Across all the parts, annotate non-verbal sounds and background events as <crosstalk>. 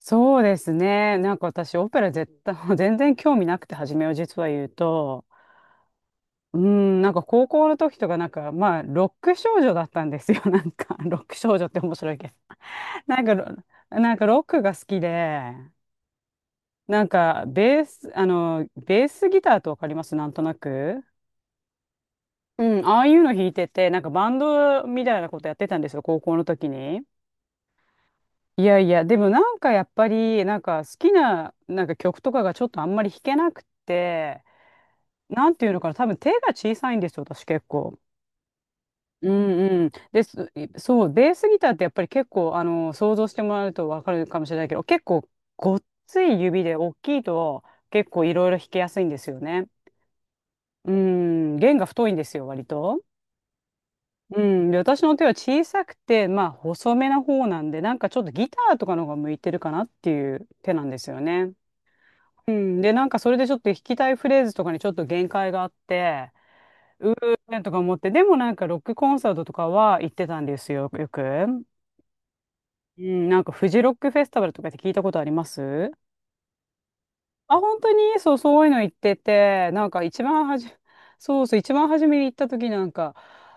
そうですね。私、オペラ絶対、<laughs> 全然興味なくて、初めう実は言うと、高校の時とか、ロック少女だったんですよ。<laughs> ロック少女って面白いけど。<laughs> なんかロ、なんかロックが好きで、ベースギターとわかりますなんとなく。うん、ああいうの弾いてて、バンドみたいなことやってたんですよ、高校の時に。いやいや、でもやっぱり、好きな、曲とかがちょっとあんまり弾けなくて、なんていうのかな、多分手が小さいんですよ、私結構。うんうん。です、そう、ベースギターってやっぱり結構、想像してもらうとわかるかもしれないけど、結構ごっつい指で大きいと結構いろいろ弾けやすいんですよね。うん、弦が太いんですよ、割と。うん、で、私の手は小さくて、まあ細めな方なんで、ちょっとギターとかの方が向いてるかなっていう手なんですよね。うん、で、それでちょっと弾きたいフレーズとかにちょっと限界があって、えとか思って、でもロックコンサートとかは行ってたんですよ、よく。フジロックフェスティバルとかって聞いたことあります？あ、本当にそう、そういうの行ってて、なんか一番はじ、<laughs> そうそう、一番初めに行った時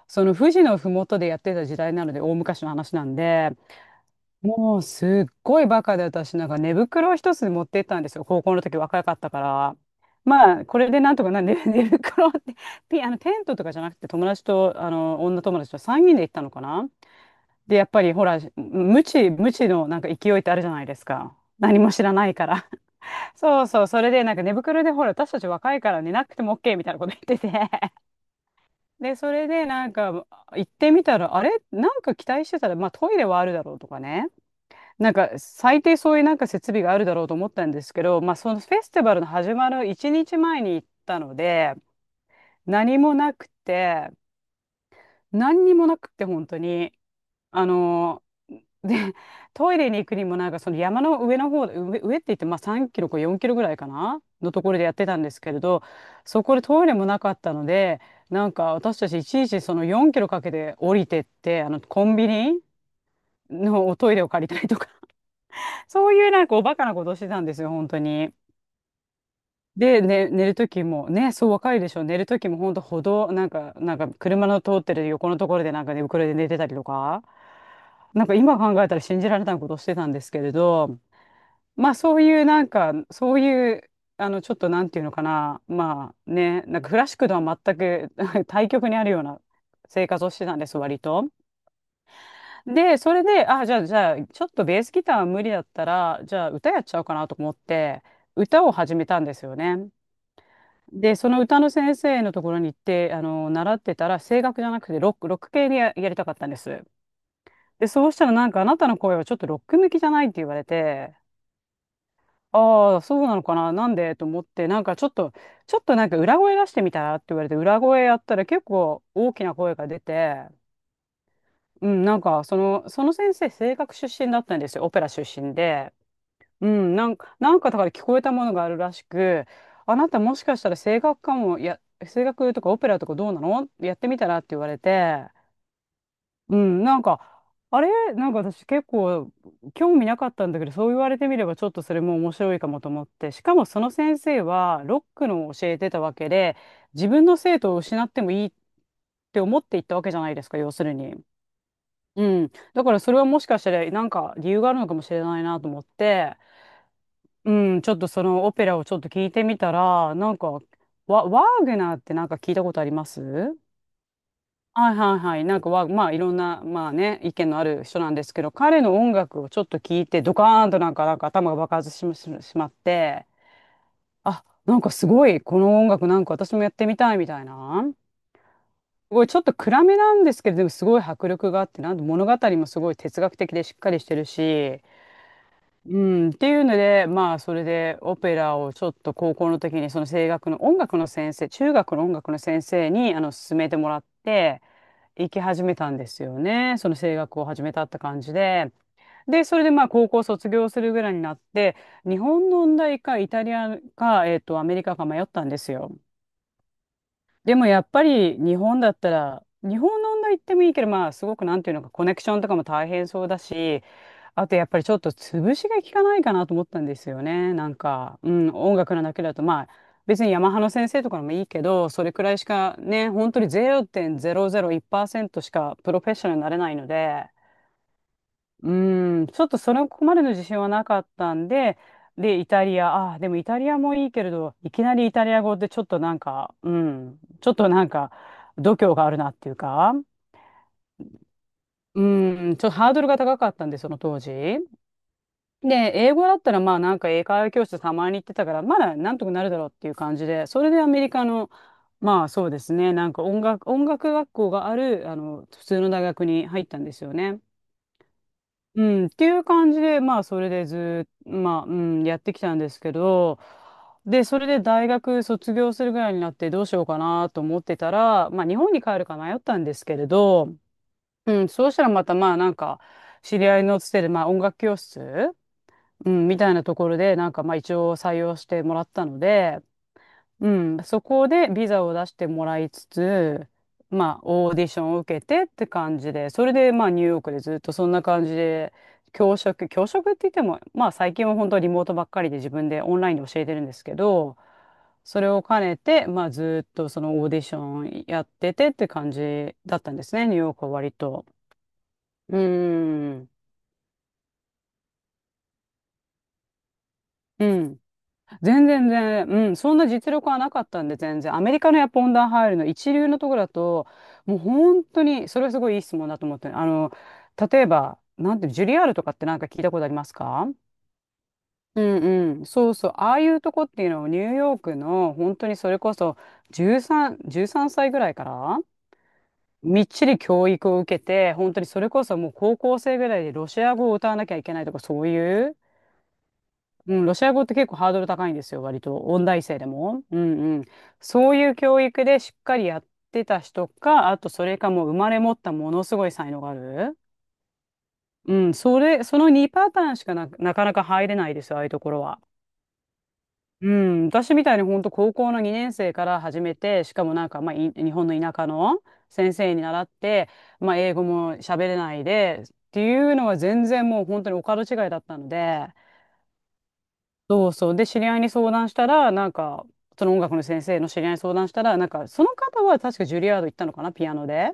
その富士のふもとでやってた時代なので、大昔の話なんで、もうすっごいバカで私寝袋を一つ持ってったんですよ、高校の時若かったから。まあこれでなんとかな<laughs> 寝袋ってあの、テントとかじゃなくて、友達と、あの、女友達と3人で行ったのかな。で、やっぱりほら、無知無知の勢いってあるじゃないですか、何も知らないから。 <laughs> そうそう、それで寝袋でほら、私たち若いから寝なくても OK みたいなこと言ってて、で、それで行ってみたら、あれ、期待してたら、まあトイレはあるだろうとかね、最低そういう設備があるだろうと思ったんですけど、まあ、そのフェスティバルの始まる1日前に行ったので、何もなくて、何にもなくて本当に、あのでトイレに行くにもその山の上の方、上って言って、まあ3キロか4キロぐらいかなのところでやってたんですけれど、そこでトイレもなかったので、私たちいちいちその4キロかけて降りてって、あのコンビニのおトイレを借りたりとか、そういうおバカなことしてたんですよ、本当に。で、ね、寝るときも、ね、そう若いでしょ、寝るときも本当歩道、車の通ってる横のところで寝袋で寝てたりとか、今考えたら信じられないことしてたんですけれど、まあそういうなんか、そういう、あの、ちょっとなんていうのかな、まあね、クラシックとは全く <laughs> 対極にあるような生活をしてたんです、割と。で、それで、あ、じゃあ、ちょっとベースギターは無理だったら、じゃあ、歌やっちゃおうかなと思って、歌を始めたんですよね。で、その歌の先生のところに行って、習ってたら、声楽じゃなくて、ロック系でやりたかったんです。で、そうしたら、あなたの声はちょっとロック向きじゃないって言われて、ああ、そうなのかな、なんでと思って、なんか、ちょっと、ちょっとなんか、裏声出してみたらって言われて、裏声やったら、結構大きな声が出て、その先生、声楽出身だったんですよ、オペラ出身で。だから聞こえたものがあるらしく、あなたもしかしたら声楽かも、声楽とかオペラとかどうなの、やってみたらって言われて、うん、なんか、あれなんか私結構興味なかったんだけど、そう言われてみればちょっとそれも面白いかもと思って、しかもその先生はロックのを教えてたわけで、自分の生徒を失ってもいいって思っていったわけじゃないですか、要するに。うん。だからそれはもしかしたら理由があるのかもしれないなと思って、うん、ちょっとそのオペラをちょっと聞いてみたら、ワーグナーって聞いたことあります？はいはいはい。なんかワーまあいろんな、まあね、意見のある人なんですけど、彼の音楽をちょっと聞いて、ドカーンと頭が爆発ししまって、あ、すごい、この音楽私もやってみたいみたいな。すごいちょっと暗めなんですけど、でもすごい迫力があって、なんで物語もすごい哲学的でしっかりしてるし、うん、っていうので、まあ、それでオペラをちょっと高校の時に、その声楽の音楽の先生、中学の音楽の先生に、勧めてもらって、行き始めたんですよね。その声楽を始めたって感じで。で、それでまあ、高校卒業するぐらいになって、日本の音大か、イタリアか、えっと、アメリカか迷ったんですよ。でもやっぱり、日本だったら、日本の音大行ってもいいけど、まあ、すごく、なんていうのか、コネクションとかも大変そうだし、あとやっぱりちょっと潰しが効かないかなと思ったんですよね。音楽のだけだと、まあ、別にヤマハの先生とかのもいいけど、それくらいしかね、本当に0.001%しかプロフェッショナルになれないので、うん、ちょっとそれここまでの自信はなかったんで、で、イタリア、ああ、でもイタリアもいいけれど、いきなりイタリア語でちょっと度胸があるなっていうか、うん、ちょっとハードルが高かったんで、その当時。で、英語だったらまあ英会話教室たまに行ってたから、まだなんとかなるだろうっていう感じで、それでアメリカの、まあそうですね、音楽学校がある、普通の大学に入ったんですよね。うん、っていう感じで、まあそれでずーっと、やってきたんですけど、で、それで大学卒業するぐらいになってどうしようかなと思ってたら、まあ日本に帰るか迷ったんですけれど、うん、そうしたらまたまあなんか、知り合いのつてで、まあ音楽教室うん、みたいなところで、なんかまあ一応採用してもらったので、うん、そこでビザを出してもらいつつ、まあオーディションを受けてって感じで、それでまあニューヨークでずっとそんな感じで、教職って言っても、まあ最近は本当リモートばっかりで自分でオンラインで教えてるんですけど、それを兼ねて、まあずっとそのオーディションやっててって感じだったんですね、ニューヨークは割と。うん、うん。全然全然、うん、そんな実力はなかったんで、全然。アメリカのやっぱ温暖入るの一流のところだと、もう本当に、それはすごいいい質問だと思って例えば、なんていうの、ジュリアールとかってなんか聞いたことありますか？うんうん、そうそう、ああいうとこっていうのをニューヨークの本当にそれこそ13歳ぐらいからみっちり教育を受けて、本当にそれこそもう高校生ぐらいでロシア語を歌わなきゃいけないとかそういううん、ロシア語って結構ハードル高いんですよ、割と。音大生でも。うんうん。そういう教育でしっかりやってた人か、あとそれかもう生まれ持ったものすごい才能がある。その2パターンしかなかなか入れないですよ、ああいうところは。うん、私みたいに本当高校の2年生から始めて、しかもなんか、まあ、日本の田舎の先生に習って、まあ、英語も喋れないで、っていうのは全然もう本当にお門違いだったので、そうそう。で、知り合いに相談したら、なんか、その音楽の先生の知り合いに相談したら、なんか、その方は確かジュリアード行ったのかな、ピアノで。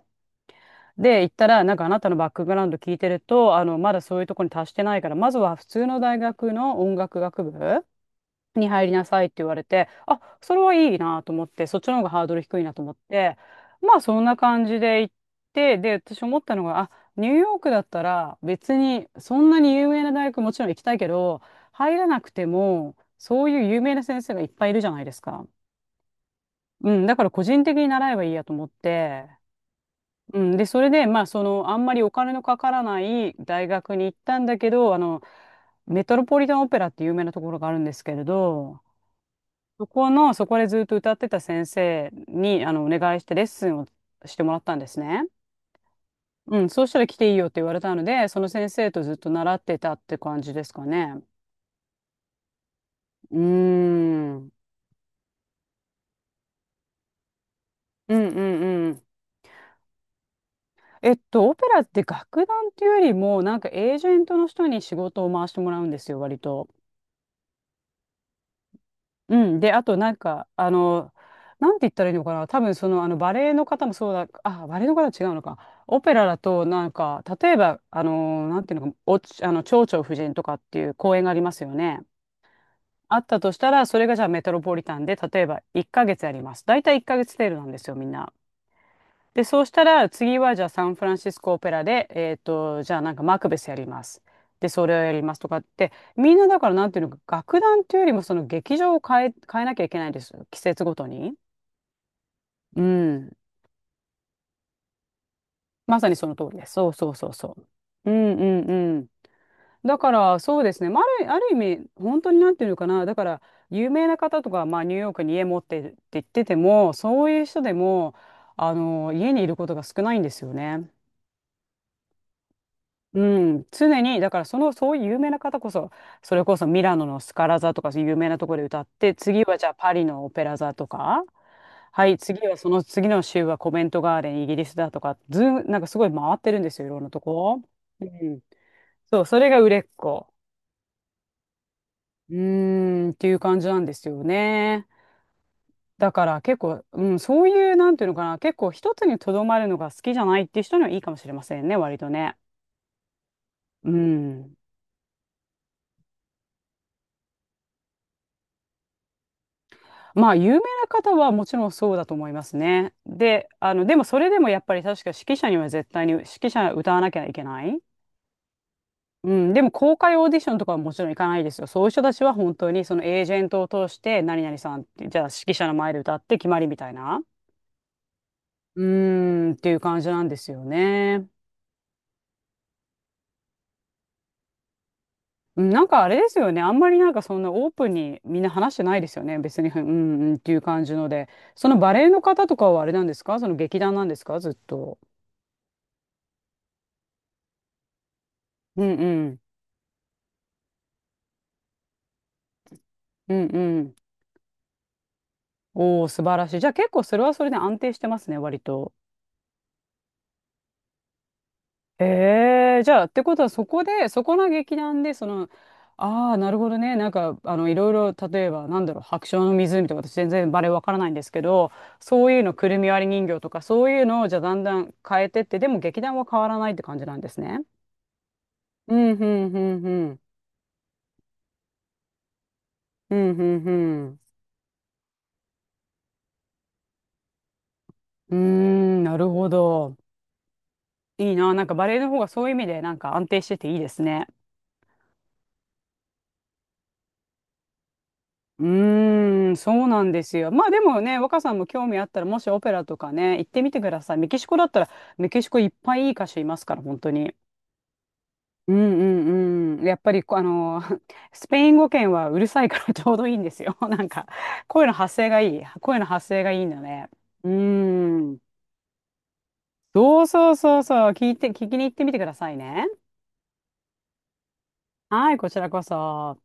で、行ったら、なんかあなたのバックグラウンド聞いてると、まだそういうとこに達してないから、まずは普通の大学の音楽学部に入りなさいって言われて、あ、それはいいなと思って、そっちの方がハードル低いなと思って、まあそんな感じで行って、で、私思ったのが、あ、ニューヨークだったら別にそんなに有名な大学もちろん行きたいけど、入らなくても、そういう有名な先生がいっぱいいるじゃないですか。うん、だから個人的に習えばいいやと思って、うん、で、それで、あんまりお金のかからない大学に行ったんだけど、メトロポリタンオペラって有名なところがあるんですけれど、そこでずっと歌ってた先生に、お願いしてレッスンをしてもらったんですね。うん、そうしたら来ていいよって言われたので、その先生とずっと習ってたって感じですかね。うーん。うんうんうん。えっと、オペラって楽団っていうよりも、なんかエージェントの人に仕事を回してもらうんですよ、割と。うん。で、あとなんか、あの、なんて言ったらいいのかな。多分その、あの、バレエの方もそうだ、あ、バレエの方は違うのか。オペラだと、例えば、あの、なんていうのか、お、あの、蝶々夫人とかっていう公演がありますよね。あったとしたら、それがじゃあメトロポリタンで、例えば1ヶ月やります。大体1ヶ月程度なんですよ、みんな。で、そうしたら、次はじゃあサンフランシスコオペラで、じゃあなんかマクベスやります。で、それをやりますとかって、みんなだからなんていうのか、楽団っていうよりもその劇場を変えなきゃいけないんですよ。季節ごとに。うん。まさにその通りです。そうそうそうそう。うんうんうん。だからそうですね、まあ、ある、ある意味本当になんていうのかなだから有名な方とか、まあ、ニューヨークに家持ってるって言っててもそういう人でもあの家にいることが少ないんですよね。うん、常にだからそのそういう有名な方こそそれこそミラノのスカラ座とかそういう有名なところで歌って次はじゃあパリのオペラ座とかはい次はその次の週はコメントガーデンイギリスだとかずんなんかすごい回ってるんですよいろんなとこ。うん、そうそれが売れっ子。うーんっていう感じなんですよね。だから結構、うん、そういうなんていうのかな結構一つにとどまるのが好きじゃないっていう人にはいいかもしれませんね割とね。うんまあ、有名な方はもちろんそうだと思いますね。で、あの、でもそれでもやっぱり確か指揮者には絶対に指揮者歌わなきゃいけない。うん、でも公開オーディションとかはもちろん行かないですよ。そういう人たちは本当にそのエージェントを通して何々さんって、じゃあ指揮者の前で歌って決まりみたいな。うーん、っていう感じなんですよね。うんなんかあれですよね。あんまりなんかそんなオープンにみんな話してないですよね。別に、うんうんっていう感じので。そのバレエの方とかはあれなんですかその劇団なんですかずっと。うんうんうんうん。おお、素晴らしい。じゃあ結構それはそれで安定してますね、割と。ええ、じゃあってことはそこで、そこの劇団で、その、ああ、なるほどね。なんか、あの、いろいろ、例えば、なんだろう、白鳥の湖とか、私全然バレエわからないんですけど、そういうの、くるみ割り人形とか、そういうのを、じゃあだんだん変えてって、でも劇団は変わらないって感じなんですね。うん、うん、うん、うん。うん、うん、うん。うーん、なるほど。いいな。なんかバレエの方がそういう意味で、なんか安定してていいですね。うーん、そうなんですよ。まあでもね、若さんも興味あったら、もしオペラとかね、行ってみてください。メキシコだったら、メキシコいっぱいいい歌手いますから、本当に。うんうんうん。やっぱりこう、<laughs> スペイン語圏はうるさいから <laughs> ちょうどいいんですよ。<laughs> なんか、声の発声がいい。声の発声がいいんだね。うーん。そうそうそうそう。聞いて、聞きに行ってみてくださいね。はい、こちらこそ。